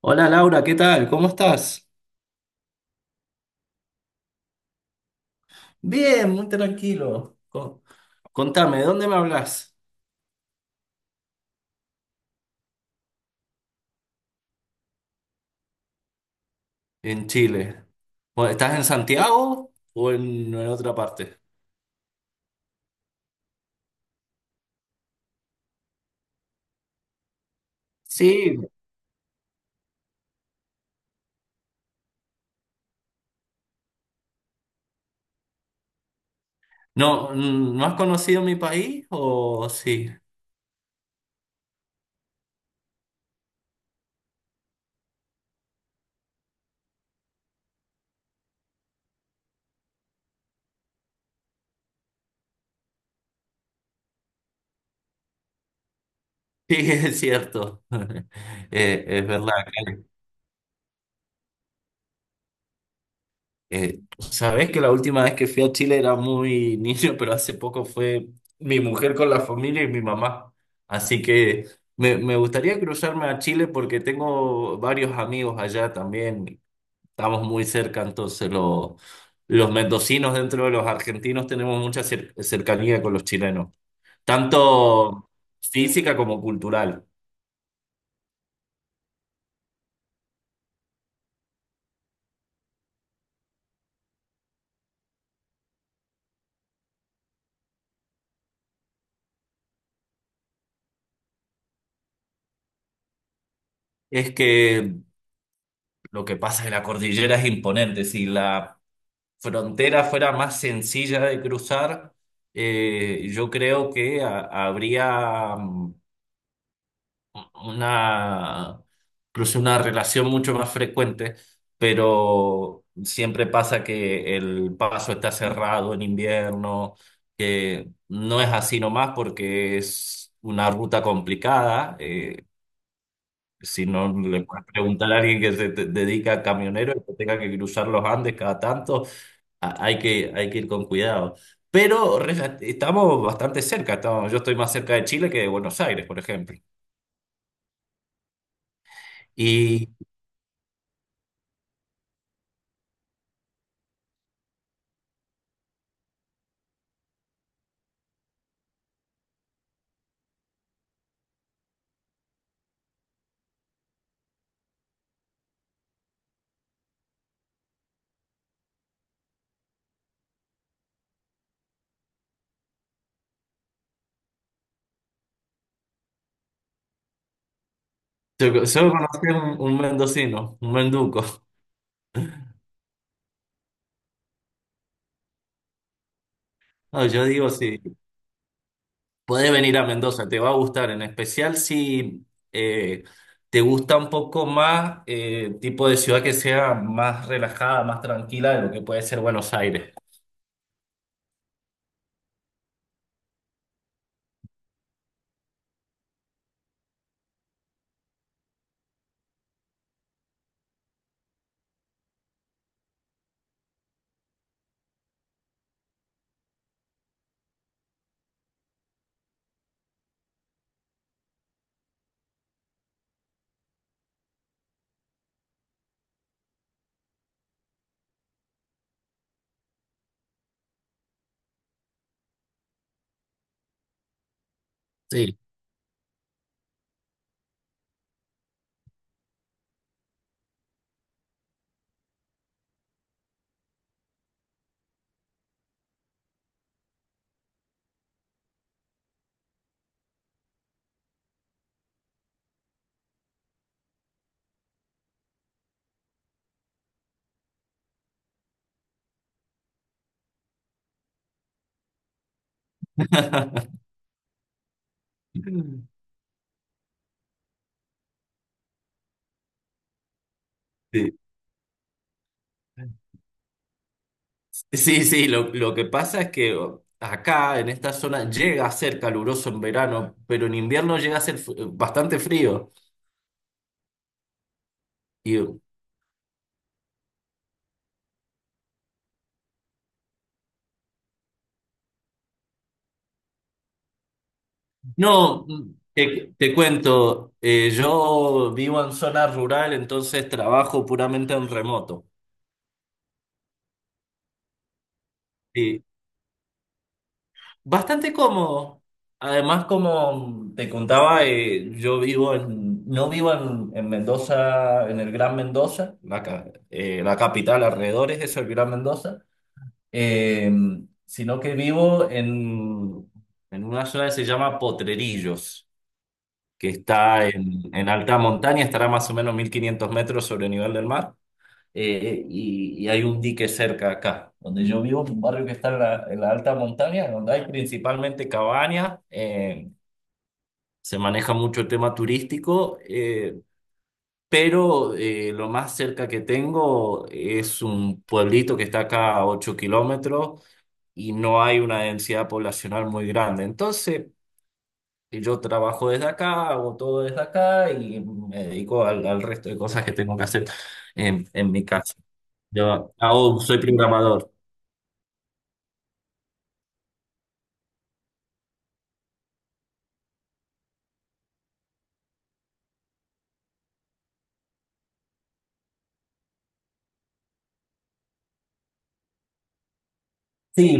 Hola Laura, ¿qué tal? ¿Cómo estás? Bien, muy tranquilo. Contame, ¿de dónde me hablas? En Chile. Bueno, ¿estás en Santiago o en otra parte? Sí. ¿No, no has conocido mi país o sí? Sí, es cierto. Es verdad. Sabes que la última vez que fui a Chile era muy niño, pero hace poco fue mi mujer con la familia y mi mamá. Así que me gustaría cruzarme a Chile porque tengo varios amigos allá también. Estamos muy cerca, entonces los mendocinos dentro de los argentinos tenemos mucha cercanía con los chilenos, tanto física como cultural. Es que lo que pasa en la cordillera es imponente. Si la frontera fuera más sencilla de cruzar, yo creo que habría una, incluso una relación mucho más frecuente, pero siempre pasa que el paso está cerrado en invierno, que no es así nomás porque es una ruta complicada. Si no le puedes preguntar a alguien que dedica a camionero, que tenga que cruzar los Andes cada tanto, hay que, hay que ir con cuidado. Pero estamos bastante cerca. Yo estoy más cerca de Chile que de Buenos Aires, por ejemplo. Y solo conocí un mendocino, un menduco. No, yo digo, si puedes venir a Mendoza, te va a gustar, en especial si eh, te gusta un poco más tipo de ciudad que sea más relajada, más tranquila de lo que puede ser Buenos Aires. Sí. Sí. Sí, sí, lo que pasa es que oh, acá en esta zona llega a ser caluroso en verano, pero en invierno llega a ser bastante frío. Y, oh, no, te cuento, yo vivo en zona rural, entonces trabajo puramente en remoto. Sí, bastante cómodo. Además, como te contaba, yo vivo no vivo en Mendoza, en el Gran Mendoza, la capital alrededores es el Gran Mendoza. Eh, sino que vivo en una zona que se llama Potrerillos, que está en alta montaña, estará más o menos 1500 metros sobre el nivel del mar, y hay un dique cerca acá, donde yo vivo, un barrio que está en en la alta montaña, donde hay principalmente cabañas, se maneja mucho el tema turístico, lo más cerca que tengo es un pueblito que está acá a 8 kilómetros y no hay una densidad poblacional muy grande. Entonces, yo trabajo desde acá, hago todo desde acá y me dedico al resto de cosas que tengo que hacer en mi casa. Yo hago, soy programador. Sí.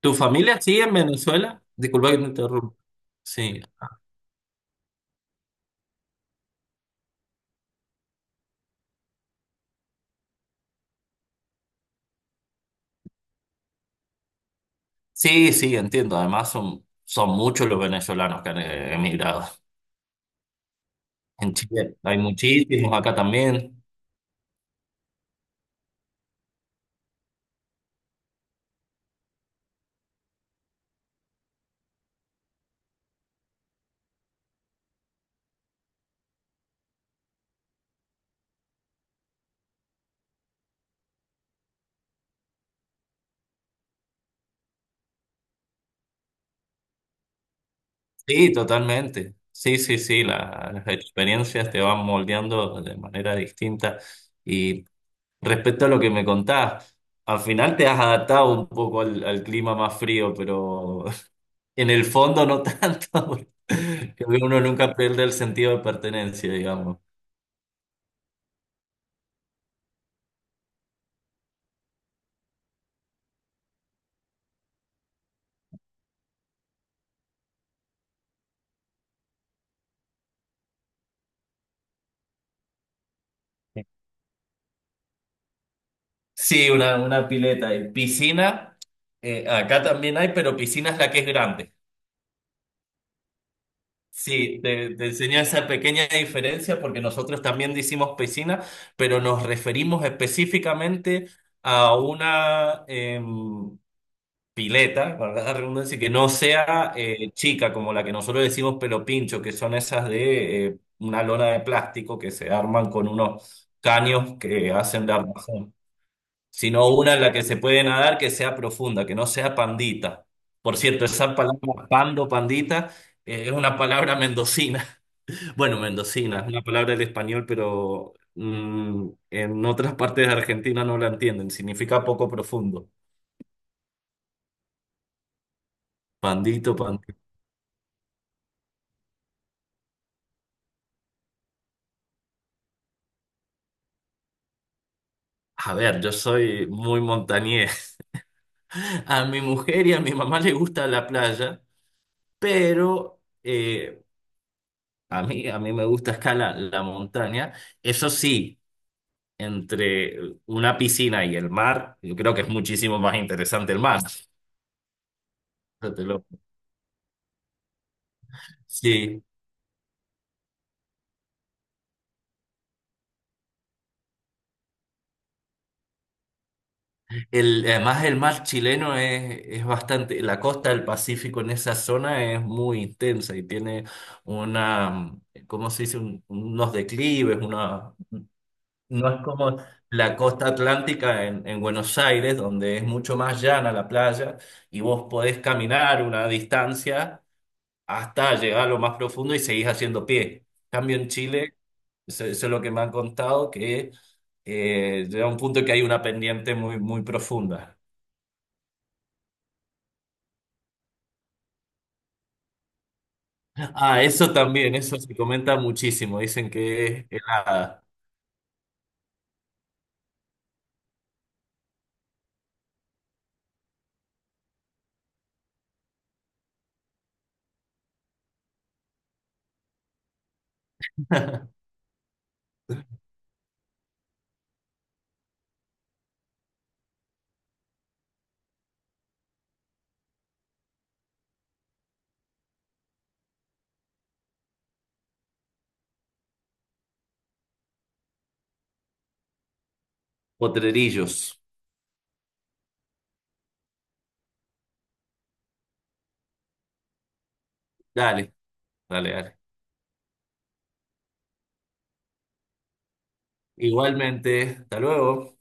¿Tu familia sigue en Venezuela? Disculpa que te interrumpa. Sí. Sí, sí, entiendo. Además, son muchos los venezolanos que han emigrado. En Chile hay muchísimos, acá también. Sí, totalmente. Sí, sí, sí, las experiencias te van moldeando de manera distinta. Y respecto a lo que me contás, al final te has adaptado un poco al clima más frío, pero en el fondo no tanto. Porque creo que uno nunca pierde el sentido de pertenencia, digamos. Sí, una pileta y piscina. Acá también hay, pero piscina es la que es grande. Sí, te enseñé esa pequeña diferencia porque nosotros también decimos piscina, pero nos referimos específicamente a una pileta, valga la redundancia, que no sea chica como la que nosotros decimos pelo pincho, que son esas de una lona de plástico que se arman con unos caños que hacen de armazón, sino una en la que se puede nadar que sea profunda, que no sea pandita. Por cierto, esa palabra pando, pandita, es una palabra mendocina. Bueno, mendocina es una palabra del español, pero en otras partes de Argentina no la entienden. Significa poco profundo. Pandito, pandito. A ver, yo soy muy montañés. A mi mujer y a mi mamá le gusta la playa, pero a mí me gusta escalar la montaña. Eso sí, entre una piscina y el mar, yo creo que es muchísimo más interesante el mar. Yo te lo- Sí, el, además, el mar chileno es bastante, la costa del Pacífico en esa zona es muy intensa y tiene una, ¿cómo se dice? Unos declives, una, no es como la costa atlántica en Buenos Aires, donde es mucho más llana la playa y vos podés caminar una distancia hasta llegar a lo más profundo y seguís haciendo pie. En cambio en Chile, eso es lo que me han contado, que llega un punto que hay una pendiente muy profunda. Ah, eso también, eso se comenta muchísimo. Dicen que es Potrerillos. Dale, dale, dale. Igualmente, hasta luego.